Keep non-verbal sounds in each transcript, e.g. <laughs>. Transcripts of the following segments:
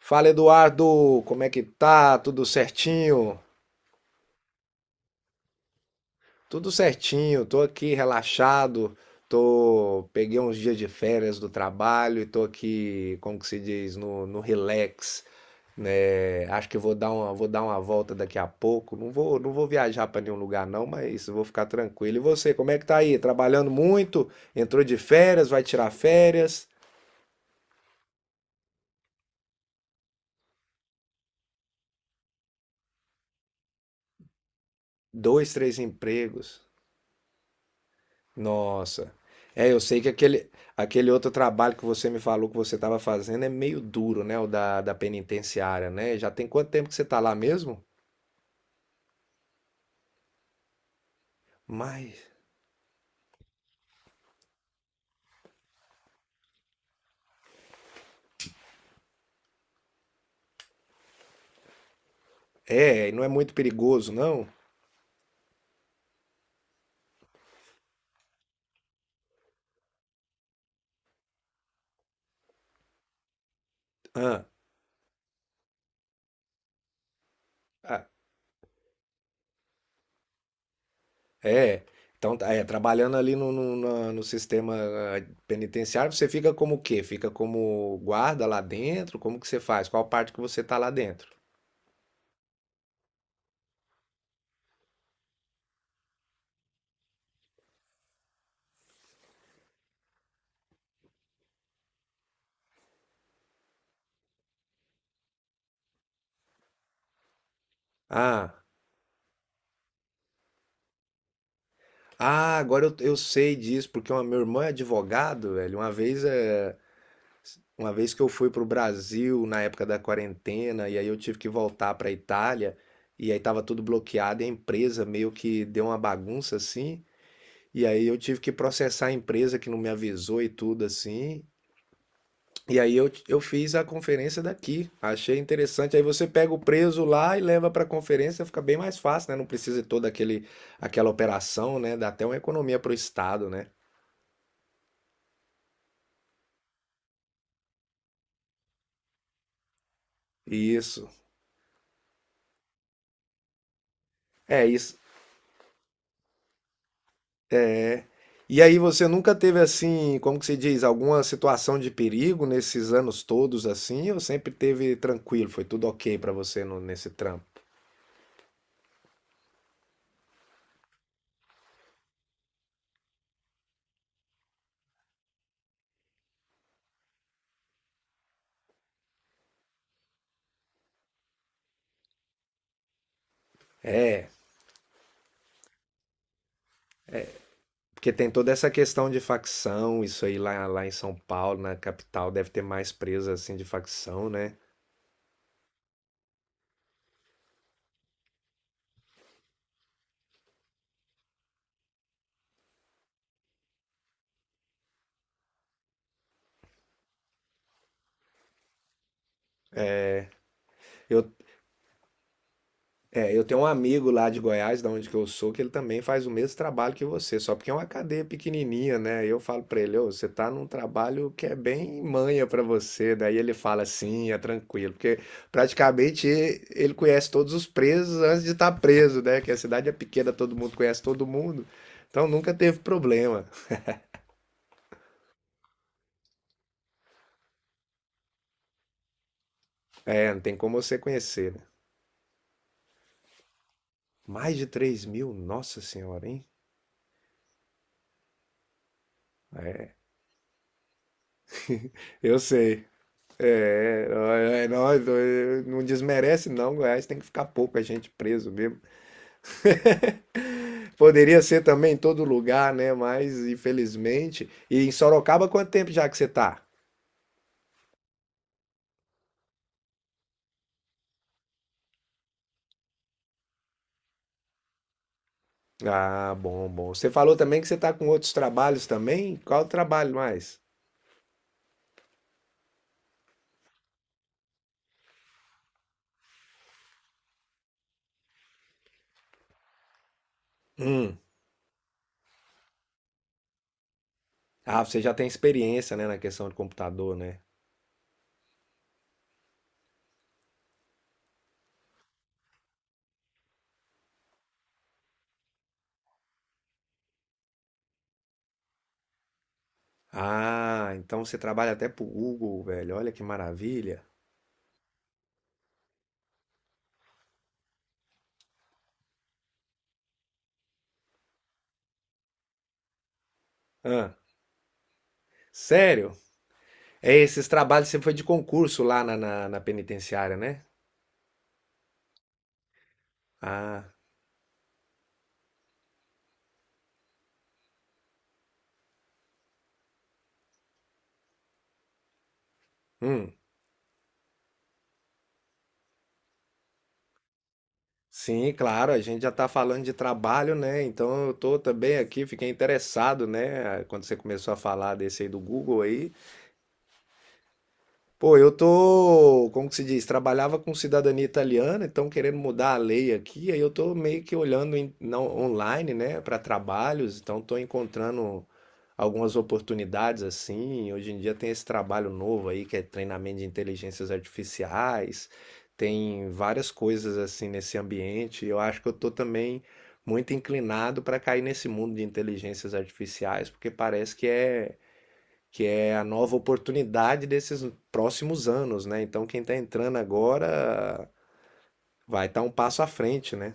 Fala Eduardo, como é que tá? Tudo certinho? Tudo certinho, tô aqui relaxado, tô peguei uns dias de férias do trabalho e tô aqui, como que se diz, no relax, né? Acho que vou dar uma volta daqui a pouco. Não vou viajar para nenhum lugar não, mas vou ficar tranquilo. E você, como é que tá aí? Trabalhando muito? Entrou de férias? Vai tirar férias? Dois, três empregos. Nossa. É, eu sei que aquele outro trabalho que você me falou que você estava fazendo é meio duro, né? O da penitenciária, né? Já tem quanto tempo que você tá lá mesmo? Mas. É, e não é muito perigoso, não? Ah, ah, é. Então, tá, é, trabalhando ali no sistema ah, penitenciário, você fica como o quê? Fica como guarda lá dentro? Como que você faz? Qual parte que você tá lá dentro? Ah, ah, agora eu sei disso, porque uma, meu irmão é advogado, velho. Uma vez que eu fui para o Brasil na época da quarentena, e aí eu tive que voltar para a Itália, e aí estava tudo bloqueado, e a empresa meio que deu uma bagunça assim, e aí eu tive que processar a empresa que não me avisou e tudo assim. E aí eu fiz a conferência daqui, achei interessante. Aí você pega o preso lá e leva para a conferência, fica bem mais fácil, né? Não precisa de toda aquele, aquela operação, né? Dá até uma economia para o Estado, né? Isso. É isso. É. E aí você nunca teve assim, como que se diz, alguma situação de perigo nesses anos todos assim, ou sempre teve tranquilo, foi tudo ok pra você nesse trampo? É, porque tem toda essa questão de facção, isso aí lá em São Paulo, na capital, deve ter mais presa assim de facção, né? Eu É, eu tenho um amigo lá de Goiás, da onde que eu sou, que ele também faz o mesmo trabalho que você, só porque é uma cadeia pequenininha, né? Eu falo pra ele, ô, você tá num trabalho que é bem manha pra você. Daí ele fala assim, é tranquilo, porque praticamente ele conhece todos os presos antes de estar preso, né? Que a cidade é pequena, todo mundo conhece todo mundo, então nunca teve problema. É, não tem como você conhecer, né? Mais de 3 mil, nossa senhora, hein? Eu sei. É, é nóis, é, não desmerece não, Goiás tem que ficar pouca gente preso mesmo. <laughs> Poderia ser também em todo lugar, né? Mas infelizmente. E em Sorocaba, quanto tempo já que você tá? Ah, bom, bom. Você falou também que você tá com outros trabalhos também? Qual o trabalho mais? Hum. Ah, você já tem experiência, né, na questão de computador, né? Ah, então você trabalha até pro Google, velho. Olha que maravilha. Ah, sério? É, esses trabalhos sempre foi de concurso lá na penitenciária, né? Ah, hum. Sim, claro, a gente já está falando de trabalho, né? Então eu tô também aqui, fiquei interessado, né? Quando você começou a falar desse aí do Google aí, pô, eu tô, como que se diz, trabalhava com cidadania italiana, então querendo mudar a lei aqui, aí eu tô meio que olhando online, né, para trabalhos, então tô encontrando algumas oportunidades assim. Hoje em dia tem esse trabalho novo aí que é treinamento de inteligências artificiais, tem várias coisas assim nesse ambiente. Eu acho que eu tô também muito inclinado para cair nesse mundo de inteligências artificiais, porque parece que é a nova oportunidade desses próximos anos, né? Então quem está entrando agora vai estar um passo à frente, né?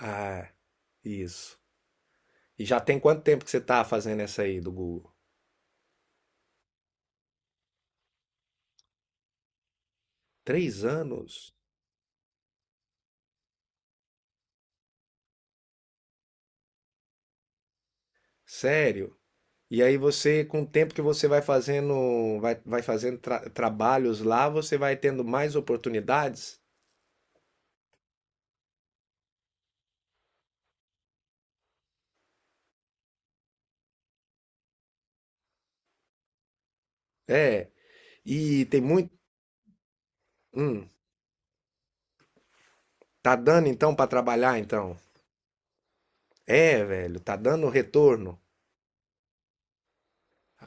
Ah, isso. E já tem quanto tempo que você está fazendo essa aí do Google? 3 anos? Sério? E aí você, com o tempo que você vai fazendo, vai, vai fazendo trabalhos lá, você vai tendo mais oportunidades? É. E tem muito. Hum, tá dando então para trabalhar então? É, velho, tá dando retorno.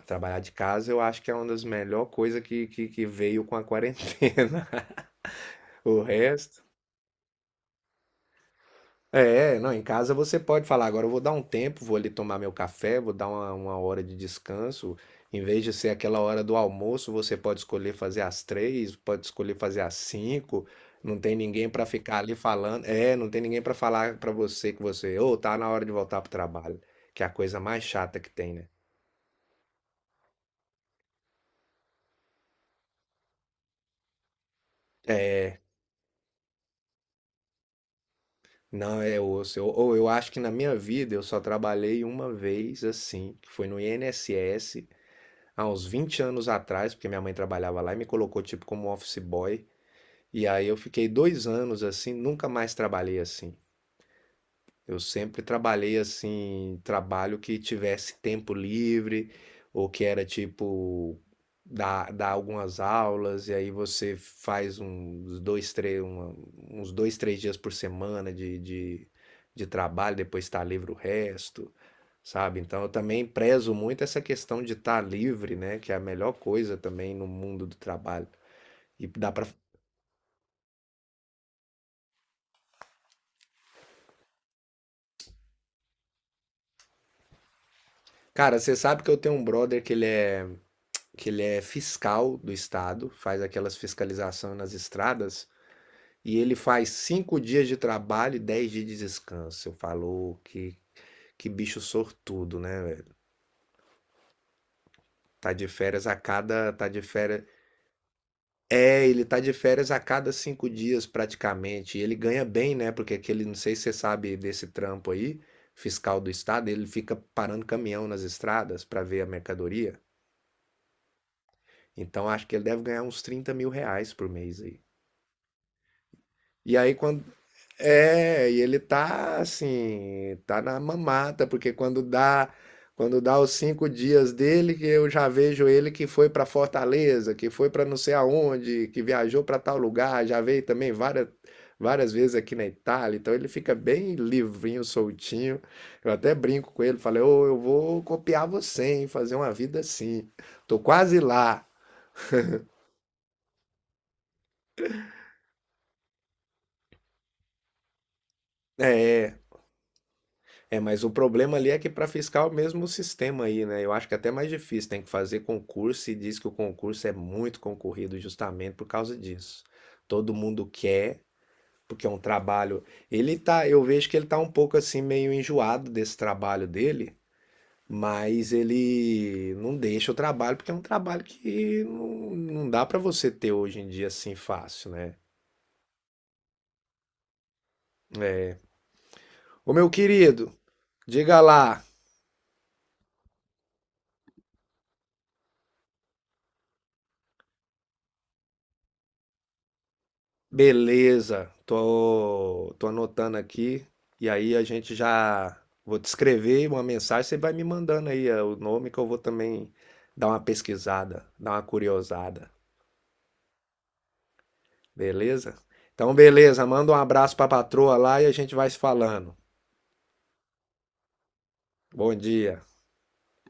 Trabalhar de casa eu acho que é uma das melhor coisas que veio com a quarentena. <laughs> O resto. É, não, em casa você pode falar, agora eu vou dar um tempo, vou ali tomar meu café, vou dar uma hora de descanso. Em vez de ser aquela hora do almoço, você pode escolher fazer às três, pode escolher fazer às cinco. Não tem ninguém para ficar ali falando. É, não tem ninguém para falar para você que você, ô, tá na hora de voltar pro trabalho. Que é a coisa mais chata que tem, né? É, não, é osso. Ou eu acho que na minha vida eu só trabalhei uma vez assim, que foi no INSS, há uns 20 anos atrás, porque minha mãe trabalhava lá e me colocou tipo como office boy. E aí eu fiquei 2 anos assim, nunca mais trabalhei assim. Eu sempre trabalhei assim, trabalho que tivesse tempo livre, ou que era tipo dar algumas aulas, e aí você faz uns dois, três, uns dois, três dias por semana de trabalho, depois está livre o resto, sabe? Então eu também prezo muito essa questão de estar livre, né? Que é a melhor coisa também no mundo do trabalho. E dá pra. Cara, você sabe que eu tenho um brother que ele é fiscal do estado, faz aquelas fiscalização nas estradas, e ele faz 5 dias de trabalho e 10 dias de descanso. Eu falo que bicho sortudo, né, velho? Tá de férias a cada. Tá de férias. É, ele tá de férias a cada 5 dias praticamente. E ele ganha bem, né? Porque aquele, não sei se você sabe desse trampo aí, fiscal do estado, ele fica parando caminhão nas estradas para ver a mercadoria. Então acho que ele deve ganhar uns 30 mil reais por mês aí. E aí, quando, é, e ele tá assim, tá na mamata, porque quando dá os 5 dias dele, que eu já vejo ele que foi pra Fortaleza, que foi pra não sei aonde, que viajou pra tal lugar, já veio também várias vezes aqui na Itália, então ele fica bem livrinho, soltinho. Eu até brinco com ele, falei, ô, eu vou copiar você, hein, fazer uma vida assim. Tô quase lá. É. É, mas o problema ali é que para fiscal mesmo o mesmo sistema aí, né? Eu acho que é até mais difícil, tem que fazer concurso e diz que o concurso é muito concorrido justamente por causa disso. Todo mundo quer, porque é um trabalho. Ele tá, eu vejo que ele tá um pouco assim meio enjoado desse trabalho dele, mas ele não deixa o trabalho porque é um trabalho que não dá para você ter hoje em dia assim fácil, né? É. Ô meu querido, diga lá. Beleza, tô anotando aqui e aí a gente já vou te escrever uma mensagem, você vai me mandando aí o nome que eu vou também dar uma pesquisada, dar uma curiosada, beleza? Então beleza, manda um abraço pra patroa lá e a gente vai se falando. Bom dia.